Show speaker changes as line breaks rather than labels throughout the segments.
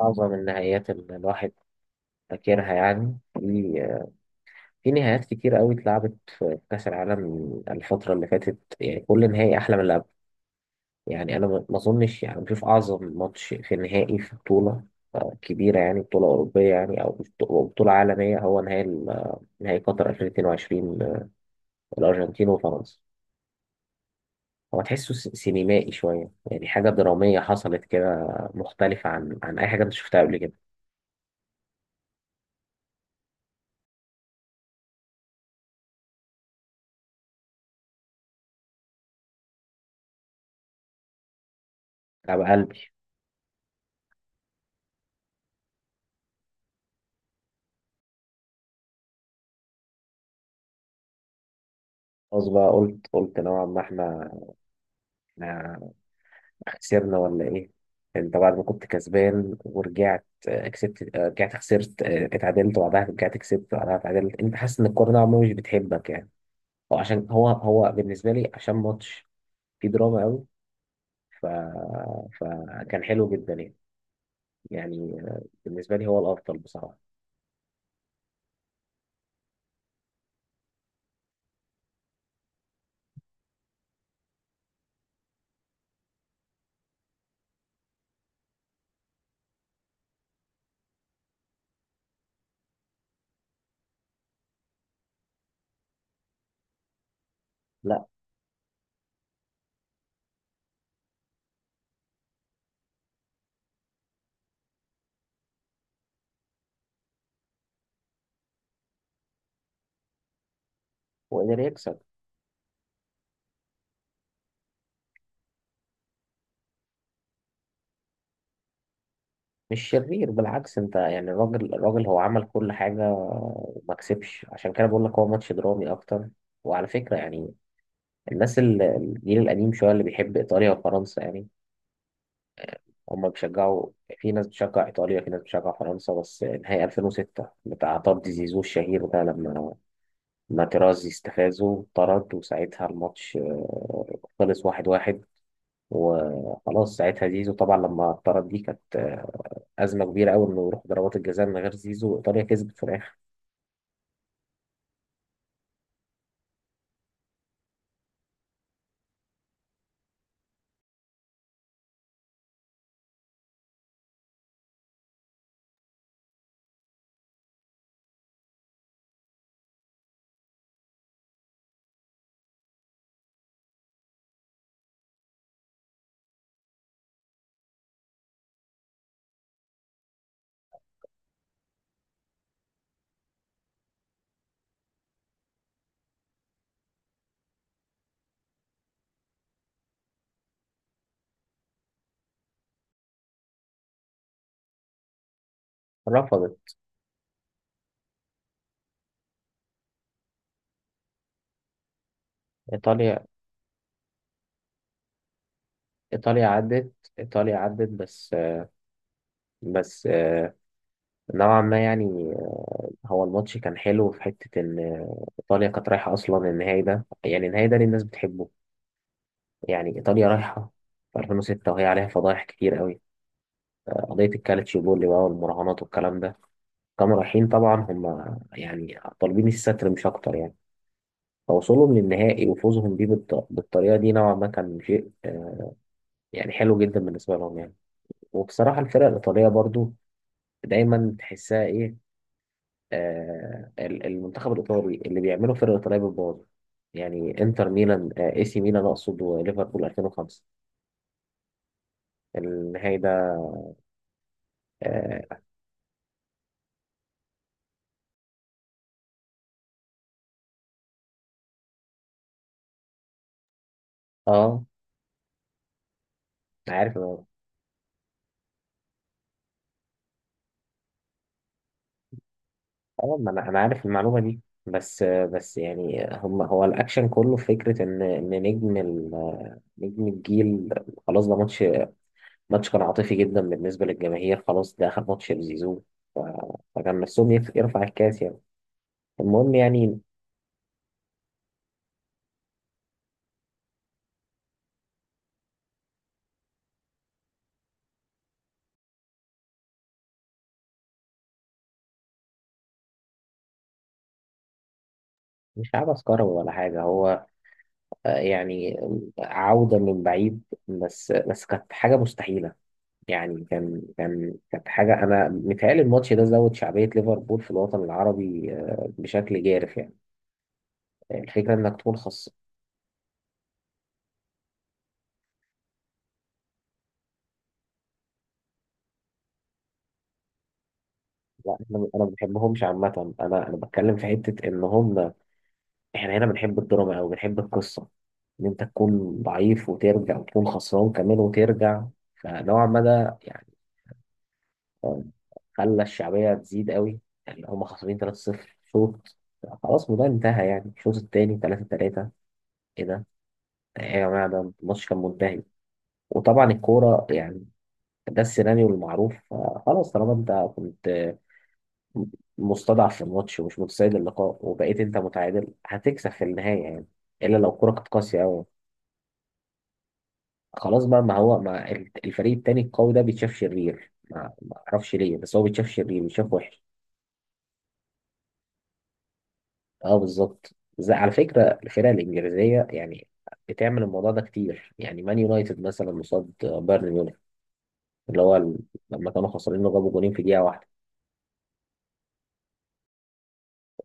أعظم النهايات اللي الواحد فاكرها يعني في نهايات كتير قوي اتلعبت في كأس العالم الفترة اللي فاتت. يعني كل نهائي أحلى من اللي قبل. يعني أنا ما أظنش يعني بشوف أعظم ماتش في نهائي في بطولة كبيرة، يعني بطولة أوروبية يعني أو بطولة عالمية. هو نهائي نهائي قطر 2022، الأرجنتين وفرنسا. هو تحسه سينمائي شوية، يعني حاجة درامية حصلت كده، مختلفة عن أي حاجة أنت شفتها قبل كده. على قلبي. خلاص بقى، قلت نوعا ما إحنا خسرنا ولا ايه؟ انت بعد ما كنت كسبان ورجعت، كسبت، رجعت خسرت، اتعادلت، وبعدها رجعت كسبت، وبعدها اتعادلت، انت حاسس ان الكوره نوعا ما مش بتحبك يعني. هو عشان هو بالنسبه لي عشان ماتش فيه دراما قوي. ف... فكان حلو جدا يعني. يعني بالنسبه لي هو الافضل بصراحه. لا، هو قدر يكسب. مش شرير، بالعكس، انت يعني الراجل الراجل هو عمل كل حاجه وما كسبش، عشان كده بقول لك هو ماتش درامي اكتر. وعلى فكره يعني، الناس الجيل القديم شوية اللي بيحب إيطاليا وفرنسا، يعني هم بيشجعوا. في ناس بتشجع إيطاليا، في ناس بتشجع فرنسا، بس نهائي 2006 بتاع طرد زيزو الشهير ده، لما ما تيرازي استفازه طرد، وساعتها الماتش خلص 1-1، وخلاص. ساعتها زيزو طبعا لما اتطرد دي كانت أزمة كبيرة أوي إنه يروح ضربات الجزاء من غير زيزو. إيطاليا كسبت في الآخر. رفضت. إيطاليا إيطاليا عدت. إيطاليا عدت، بس نوعا ما يعني. هو الماتش كان حلو في حتة إن إيطاليا كانت رايحة أصلا النهائي ده، يعني النهائي ده اللي الناس بتحبه. يعني إيطاليا رايحة في 2006 وهي عليها فضايح كتير قوي، قضية الكالتشيوبولي بقى والمراهنات والكلام ده. كانوا رايحين طبعا هم يعني طالبين الستر مش أكتر يعني. فوصولهم للنهائي وفوزهم بيه بالطريقة دي نوعا ما كان شيء، يعني حلو جدا بالنسبة لهم يعني. وبصراحة الفرق الإيطالية برضو دايما تحسها إيه، المنتخب الإيطالي اللي بيعمله فرقة إيطالية بالباور. يعني انتر ميلان، اي سي ميلان اقصد، وليفربول 2005، النهائي ده. اه. آه، عارف ما انا، عارف المعلومة دي. بس يعني هم، هو الاكشن كله في فكرة ان نجم نجم الجيل. خلاص، ده ماتش، كان عاطفي جدا بالنسبة للجماهير. خلاص، ده اخر ماتش لزيزو. ف- فكان نفسهم يرفع الكاس يعني. المهم يعني. مش عبث كروي ولا حاجة، هو يعني عودة من بعيد، بس كانت حاجة مستحيلة. يعني كان كانت حاجة، أنا متهيألي الماتش ده زود شعبية ليفربول في الوطن العربي بشكل جارف يعني. يعني الفكرة إنك تكون خاص. لا، أنا ما بحبهمش عامة. أنا بتكلم في حتة إن هم، إحنا هنا بنحب الدراما أو بنحب القصة، إن أنت تكون ضعيف وترجع، وتكون خسران كمان وترجع. فنوعا ما ده يعني خلى الشعبية تزيد قوي. يعني هم خسرانين 3-0 شوط، خلاص الموضوع انتهى. يعني الشوط التاني 3-3، ايه ده؟ ايه يا جماعة؟ ده الماتش كان منتهي. وطبعا الكورة يعني، ده السيناريو المعروف. خلاص، طالما انت كنت مستضعف في الماتش ومش متسيد اللقاء وبقيت انت متعادل، هتكسب في النهاية يعني، الا لو الكورة كانت قاسية قوي. خلاص بقى. ما هو، ما الفريق التاني القوي ده بيتشاف شرير، ما اعرفش ليه، بس هو بيتشاف شرير، بيتشاف وحش. اه، بالظبط. زي على فكرة الفرق الإنجليزية يعني، بتعمل الموضوع ده كتير. يعني مان يونايتد مثلا قصاد بايرن ميونخ، اللي هو لما كانوا خسرانين وجابوا جولين في دقيقة واحدة،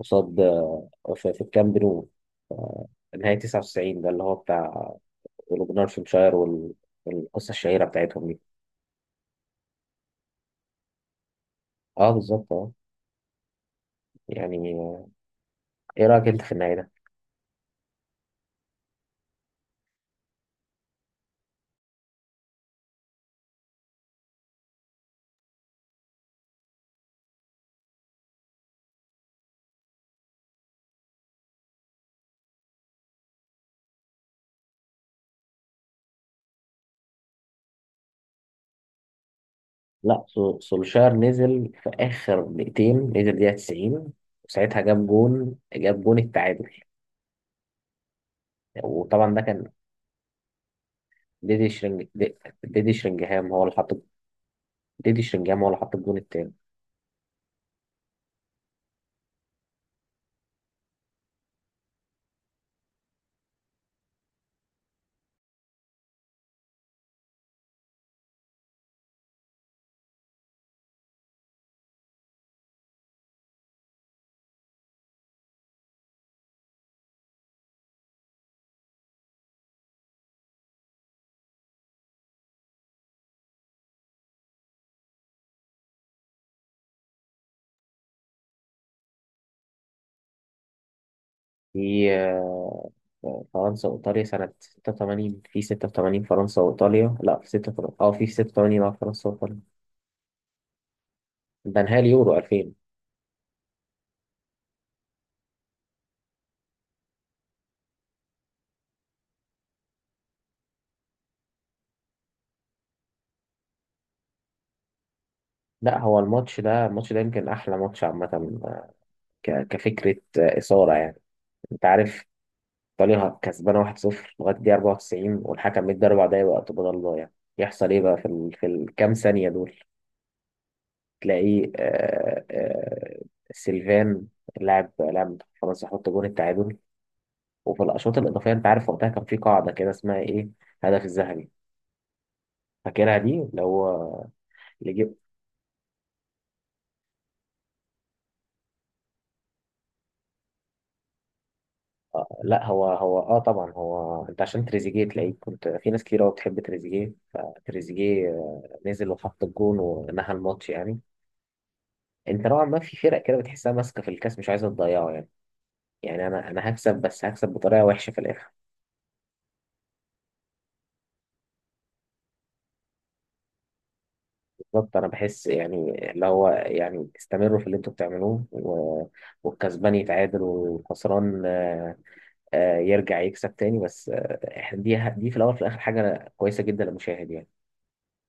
قصاد، في الكامب نو، آه، نهاية 99. ده اللي هو بتاع أولوجنارشنشاير والقصة الشهيرة بتاعتهم دي. اه، بالظبط، اه. يعني ايه رأيك انت في النهاية ده؟ لا، سولشاير نزل في آخر دقيقتين، نزل دقيقة 90، وساعتها جاب جون، جاب جون التعادل. وطبعا ده كان ديدي ديدي شرينجهام هو اللي حط. ديدي شرينجهام هو اللي حط الجون التاني. في فرنسا وإيطاليا سنة 86، في 86 فرنسا وإيطاليا. لا، في 6 في 86، اه، فرنسا وإيطاليا، ده نهائي اليورو 2000. لا، هو الماتش ده يمكن أحلى ماتش عامة، آه، كفكرة، إثارة يعني. أنت عارف، إيطاليا كسبانة 1-0 لغاية دقيقة 94، والحكم مدي 4 دقايق وقت بدل ضايع. يحصل إيه بقى في في الكام ثانية دول؟ تلاقي سيلفان، لاعب فرنسا، حط جون التعادل. وفي الاشواط الاضافيه، انت عارف وقتها كان في قاعده كده اسمها ايه، هدف الذهبي، فاكرها دي، اللي هو اللي جيب. لا، هو طبعا. هو انت عشان تريزيجيه تلاقيه، كنت في ناس كتير قوي بتحب تريزيجيه، فتريزيجيه نزل وحط الجون ونهى الماتش يعني. انت نوعا ما في فرق كده بتحسها ماسكه في الكاس مش عايزه تضيعه يعني. يعني انا هكسب، بس هكسب بطريقه وحشه في الاخر. بالظبط. انا بحس يعني اللي هو، يعني استمروا في اللي انتوا بتعملوه والكسبان يتعادل، والخسران يرجع يكسب تاني، بس آه، إحنا دي في الاول وفي الاخر حاجه كويسه جدا للمشاهد يعني.